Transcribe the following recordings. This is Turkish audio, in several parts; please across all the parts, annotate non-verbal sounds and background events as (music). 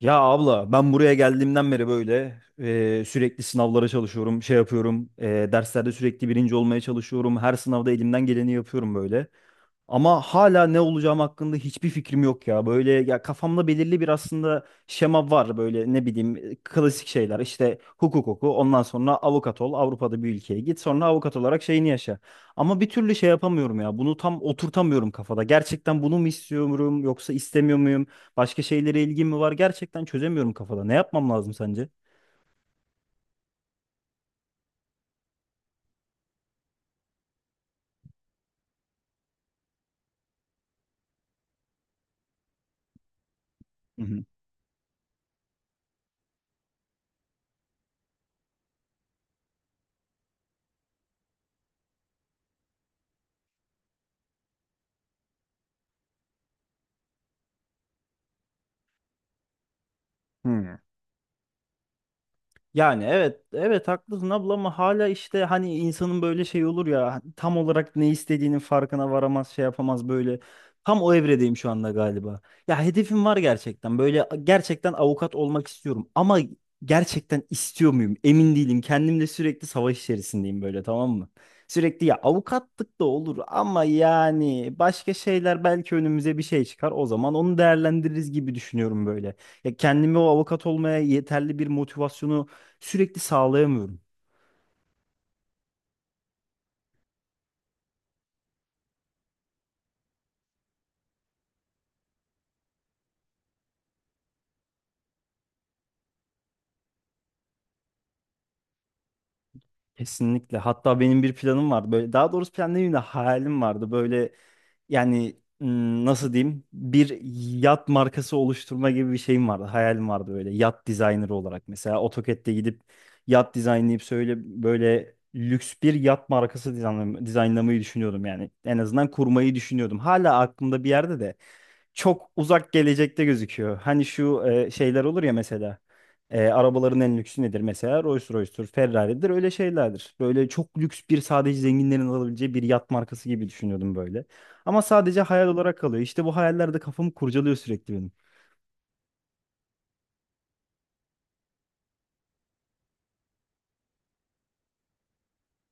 Ya abla, ben buraya geldiğimden beri böyle sürekli sınavlara çalışıyorum, şey yapıyorum, derslerde sürekli birinci olmaya çalışıyorum. Her sınavda elimden geleni yapıyorum böyle. Ama hala ne olacağım hakkında hiçbir fikrim yok ya. Böyle ya, kafamda belirli bir aslında şema var böyle, ne bileyim, klasik şeyler. İşte hukuk oku, ondan sonra avukat ol, Avrupa'da bir ülkeye git, sonra avukat olarak şeyini yaşa. Ama bir türlü şey yapamıyorum ya. Bunu tam oturtamıyorum kafada. Gerçekten bunu mu istiyorum, yoksa istemiyor muyum? Başka şeylere ilgim mi var? Gerçekten çözemiyorum kafada. Ne yapmam lazım sence? Hı hı. Hı. Yani evet evet, haklısın abla, ama hala işte hani insanın böyle şey olur ya, hani tam olarak ne istediğinin farkına varamaz, şey yapamaz böyle. Tam o evredeyim şu anda galiba. Ya hedefim var, gerçekten böyle, gerçekten avukat olmak istiyorum ama gerçekten istiyor muyum emin değilim, kendimle sürekli savaş içerisindeyim böyle, tamam mı? Sürekli ya, avukatlık da olur ama yani başka şeyler belki önümüze bir şey çıkar, o zaman onu değerlendiririz gibi düşünüyorum böyle. Ya kendimi o avukat olmaya yeterli bir motivasyonu sürekli sağlayamıyorum. Kesinlikle. Hatta benim bir planım vardı. Böyle, daha doğrusu plan demeyeyim de hayalim vardı. Böyle yani, nasıl diyeyim? Bir yat markası oluşturma gibi bir şeyim vardı. Hayalim vardı böyle, yat dizaynerı olarak. Mesela AutoCAD'de gidip yat dizaynlayıp söyle, böyle lüks bir yat markası dizaynlamayı düşünüyordum yani. En azından kurmayı düşünüyordum. Hala aklımda bir yerde de. Çok uzak gelecekte gözüküyor. Hani şu şeyler olur ya mesela. Arabaların en lüksü nedir mesela? Rolls Royce'tur, Ferrari'dir, öyle şeylerdir. Böyle çok lüks bir, sadece zenginlerin alabileceği bir yat markası gibi düşünüyordum böyle. Ama sadece hayal olarak kalıyor. İşte bu hayaller de kafamı kurcalıyor sürekli benim.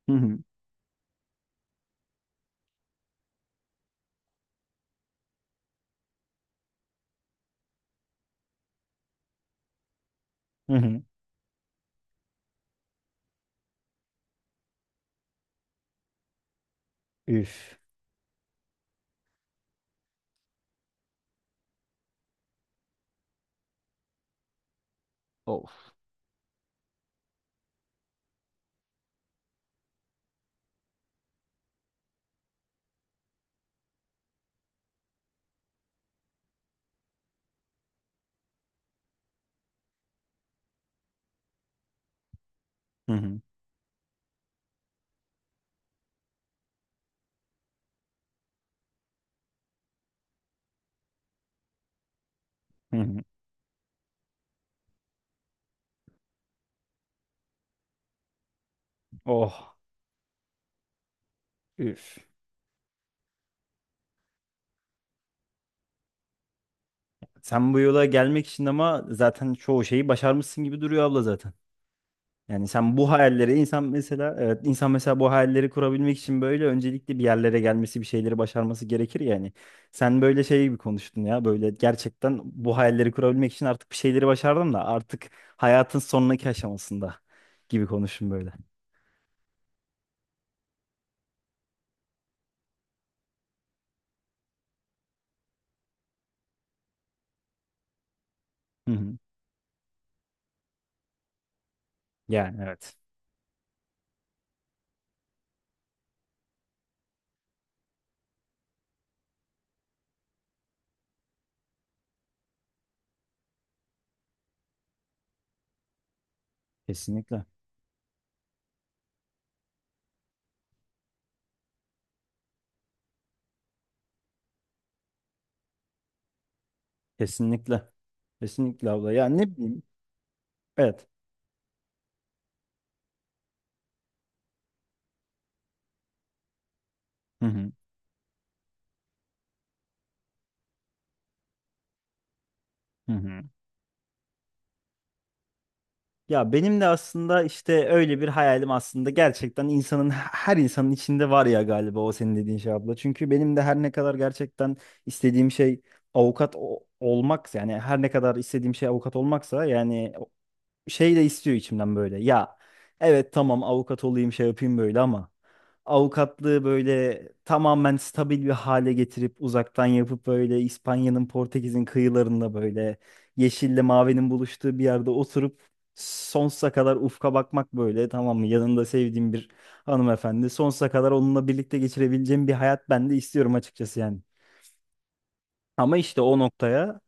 Hı hı. Hı hı. Üf. Of. Hı hı. Hı hı. Oh. Üf. Sen bu yola gelmek için ama zaten çoğu şeyi başarmışsın gibi duruyor abla zaten. Yani sen bu hayalleri, insan mesela, evet insan mesela bu hayalleri kurabilmek için böyle öncelikle bir yerlere gelmesi, bir şeyleri başarması gerekir yani. Sen böyle şey gibi konuştun ya. Böyle gerçekten bu hayalleri kurabilmek için artık bir şeyleri başardım da artık hayatın sonraki aşamasında gibi konuştun böyle. Hı hı. Yani evet. Kesinlikle. Kesinlikle. Kesinlikle abla. Ya ne bileyim. Evet. Hı hı. Hı hı. Ya benim de aslında işte öyle bir hayalim, aslında gerçekten insanın, her insanın içinde var ya galiba o senin dediğin şey abla. Çünkü benim de her ne kadar gerçekten istediğim şey avukat olmak, yani her ne kadar istediğim şey avukat olmaksa yani şey de istiyor içimden böyle. Ya evet tamam, avukat olayım şey yapayım böyle ama avukatlığı böyle tamamen stabil bir hale getirip uzaktan yapıp böyle İspanya'nın, Portekiz'in kıyılarında böyle yeşille mavinin buluştuğu bir yerde oturup sonsuza kadar ufka bakmak böyle, tamam mı? Yanında sevdiğim bir hanımefendi, sonsuza kadar onunla birlikte geçirebileceğim bir hayat ben de istiyorum açıkçası yani. Ama işte o noktaya,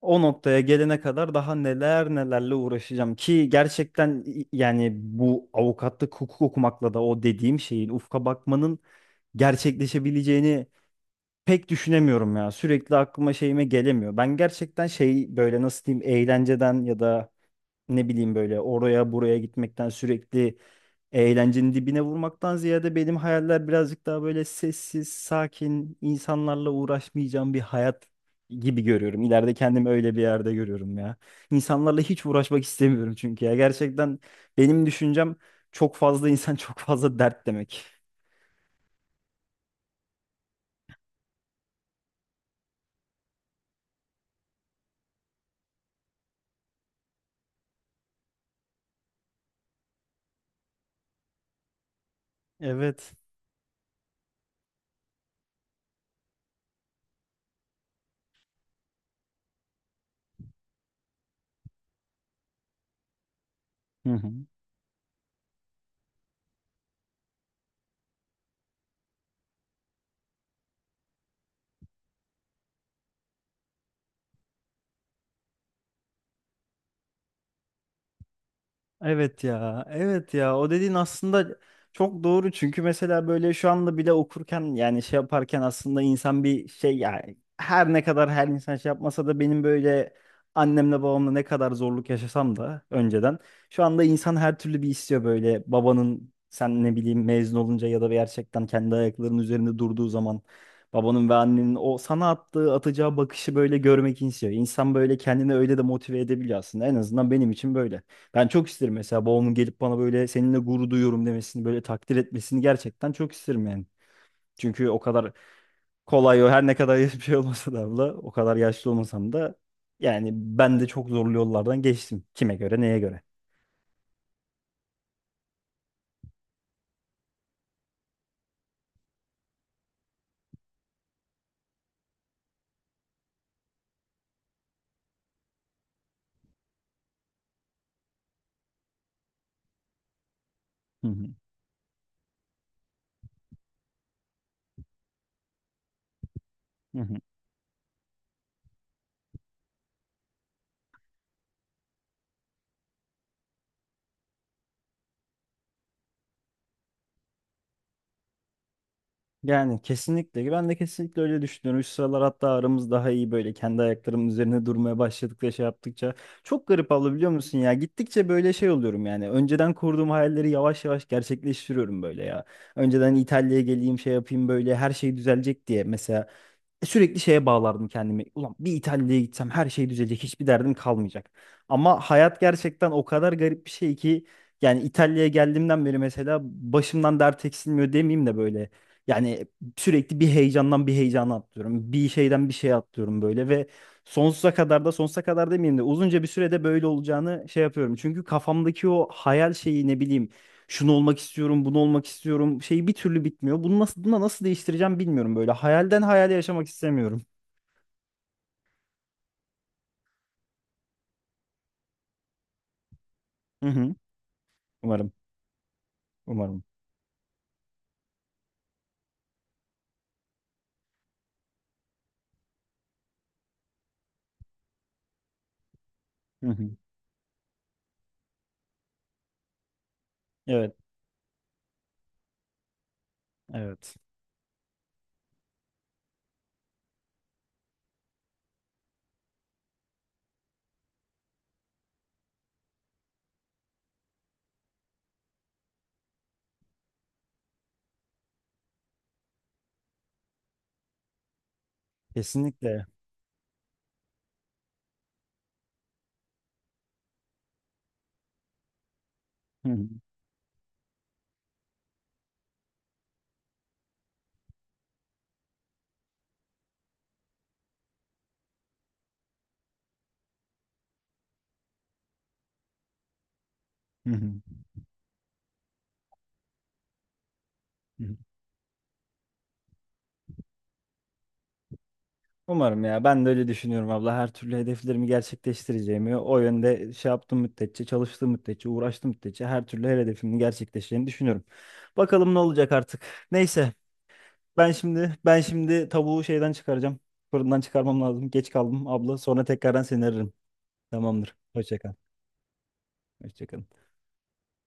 o noktaya gelene kadar daha neler nelerle uğraşacağım ki gerçekten, yani bu avukatlık hukuk okumakla da o dediğim şeyin, ufka bakmanın gerçekleşebileceğini pek düşünemiyorum ya. Sürekli aklıma şeyime gelemiyor. Ben gerçekten şey, böyle nasıl diyeyim, eğlenceden ya da ne bileyim böyle oraya buraya gitmekten, sürekli eğlencenin dibine vurmaktan ziyade benim hayaller birazcık daha böyle sessiz, sakin, insanlarla uğraşmayacağım bir hayat gibi görüyorum. İleride kendimi öyle bir yerde görüyorum ya. İnsanlarla hiç uğraşmak istemiyorum çünkü ya. Gerçekten benim düşüncem, çok fazla insan (laughs) çok fazla dert demek. Evet. Hı hı. Evet ya, evet ya. O dediğin aslında çok doğru. Çünkü mesela böyle şu anda bile okurken, yani şey yaparken, aslında insan bir şey, yani her ne kadar her insan şey yapmasa da benim böyle annemle babamla ne kadar zorluk yaşasam da önceden, şu anda insan her türlü bir istiyor böyle, babanın sen ne bileyim mezun olunca ya da gerçekten kendi ayaklarının üzerinde durduğu zaman babanın ve annenin o sana attığı, atacağı bakışı böyle görmek istiyor. İnsan böyle kendini öyle de motive edebiliyor aslında. En azından benim için böyle. Ben çok isterim mesela babamın gelip bana böyle seninle gurur duyuyorum demesini, böyle takdir etmesini, gerçekten çok isterim yani. Çünkü o kadar kolay, o her ne kadar (laughs) bir şey olmasa da abla, o kadar yaşlı olmasam da yani ben de çok zorlu yollardan geçtim. Kime göre, neye göre. Hı hı. Hı hı. Yani kesinlikle. Ben de kesinlikle öyle düşünüyorum. Şu sıralar hatta aramız daha iyi, böyle kendi ayaklarımın üzerine durmaya başladıkça, şey yaptıkça. Çok garip abla, biliyor musun ya? Gittikçe böyle şey oluyorum yani. Önceden kurduğum hayalleri yavaş yavaş gerçekleştiriyorum böyle ya. Önceden, İtalya'ya geleyim şey yapayım böyle her şey düzelecek diye. Mesela sürekli şeye bağlardım kendimi. Ulan bir İtalya'ya gitsem her şey düzelecek, hiçbir derdim kalmayacak. Ama hayat gerçekten o kadar garip bir şey ki yani İtalya'ya geldiğimden beri mesela başımdan dert eksilmiyor demeyeyim de böyle. Yani sürekli bir heyecandan bir heyecana atlıyorum. Bir şeyden bir şeye atlıyorum böyle ve sonsuza kadar da, sonsuza kadar demeyeyim de, uzunca bir sürede böyle olacağını şey yapıyorum. Çünkü kafamdaki o hayal şeyi, ne bileyim, şunu olmak istiyorum, bunu olmak istiyorum şeyi bir türlü bitmiyor. Bunu nasıl, buna nasıl değiştireceğim bilmiyorum böyle. Hayalden hayale yaşamak istemiyorum. Hı hı. Umarım, umarım. Hı hı. Evet, evet. Kesinlikle. Hı hı. Hı hı. Hı hı. Umarım ya. Ben de öyle düşünüyorum abla. Her türlü hedeflerimi gerçekleştireceğimi, o yönde şey yaptığım müddetçe, çalıştığım müddetçe, uğraştığım müddetçe her türlü her hedefimi gerçekleşeceğini düşünüyorum. Bakalım ne olacak artık. Neyse. Ben şimdi tavuğu şeyden çıkaracağım. Fırından çıkarmam lazım. Geç kaldım abla. Sonra tekrardan seni ararım. Tamamdır. Hoşça kal. Hoşça kal.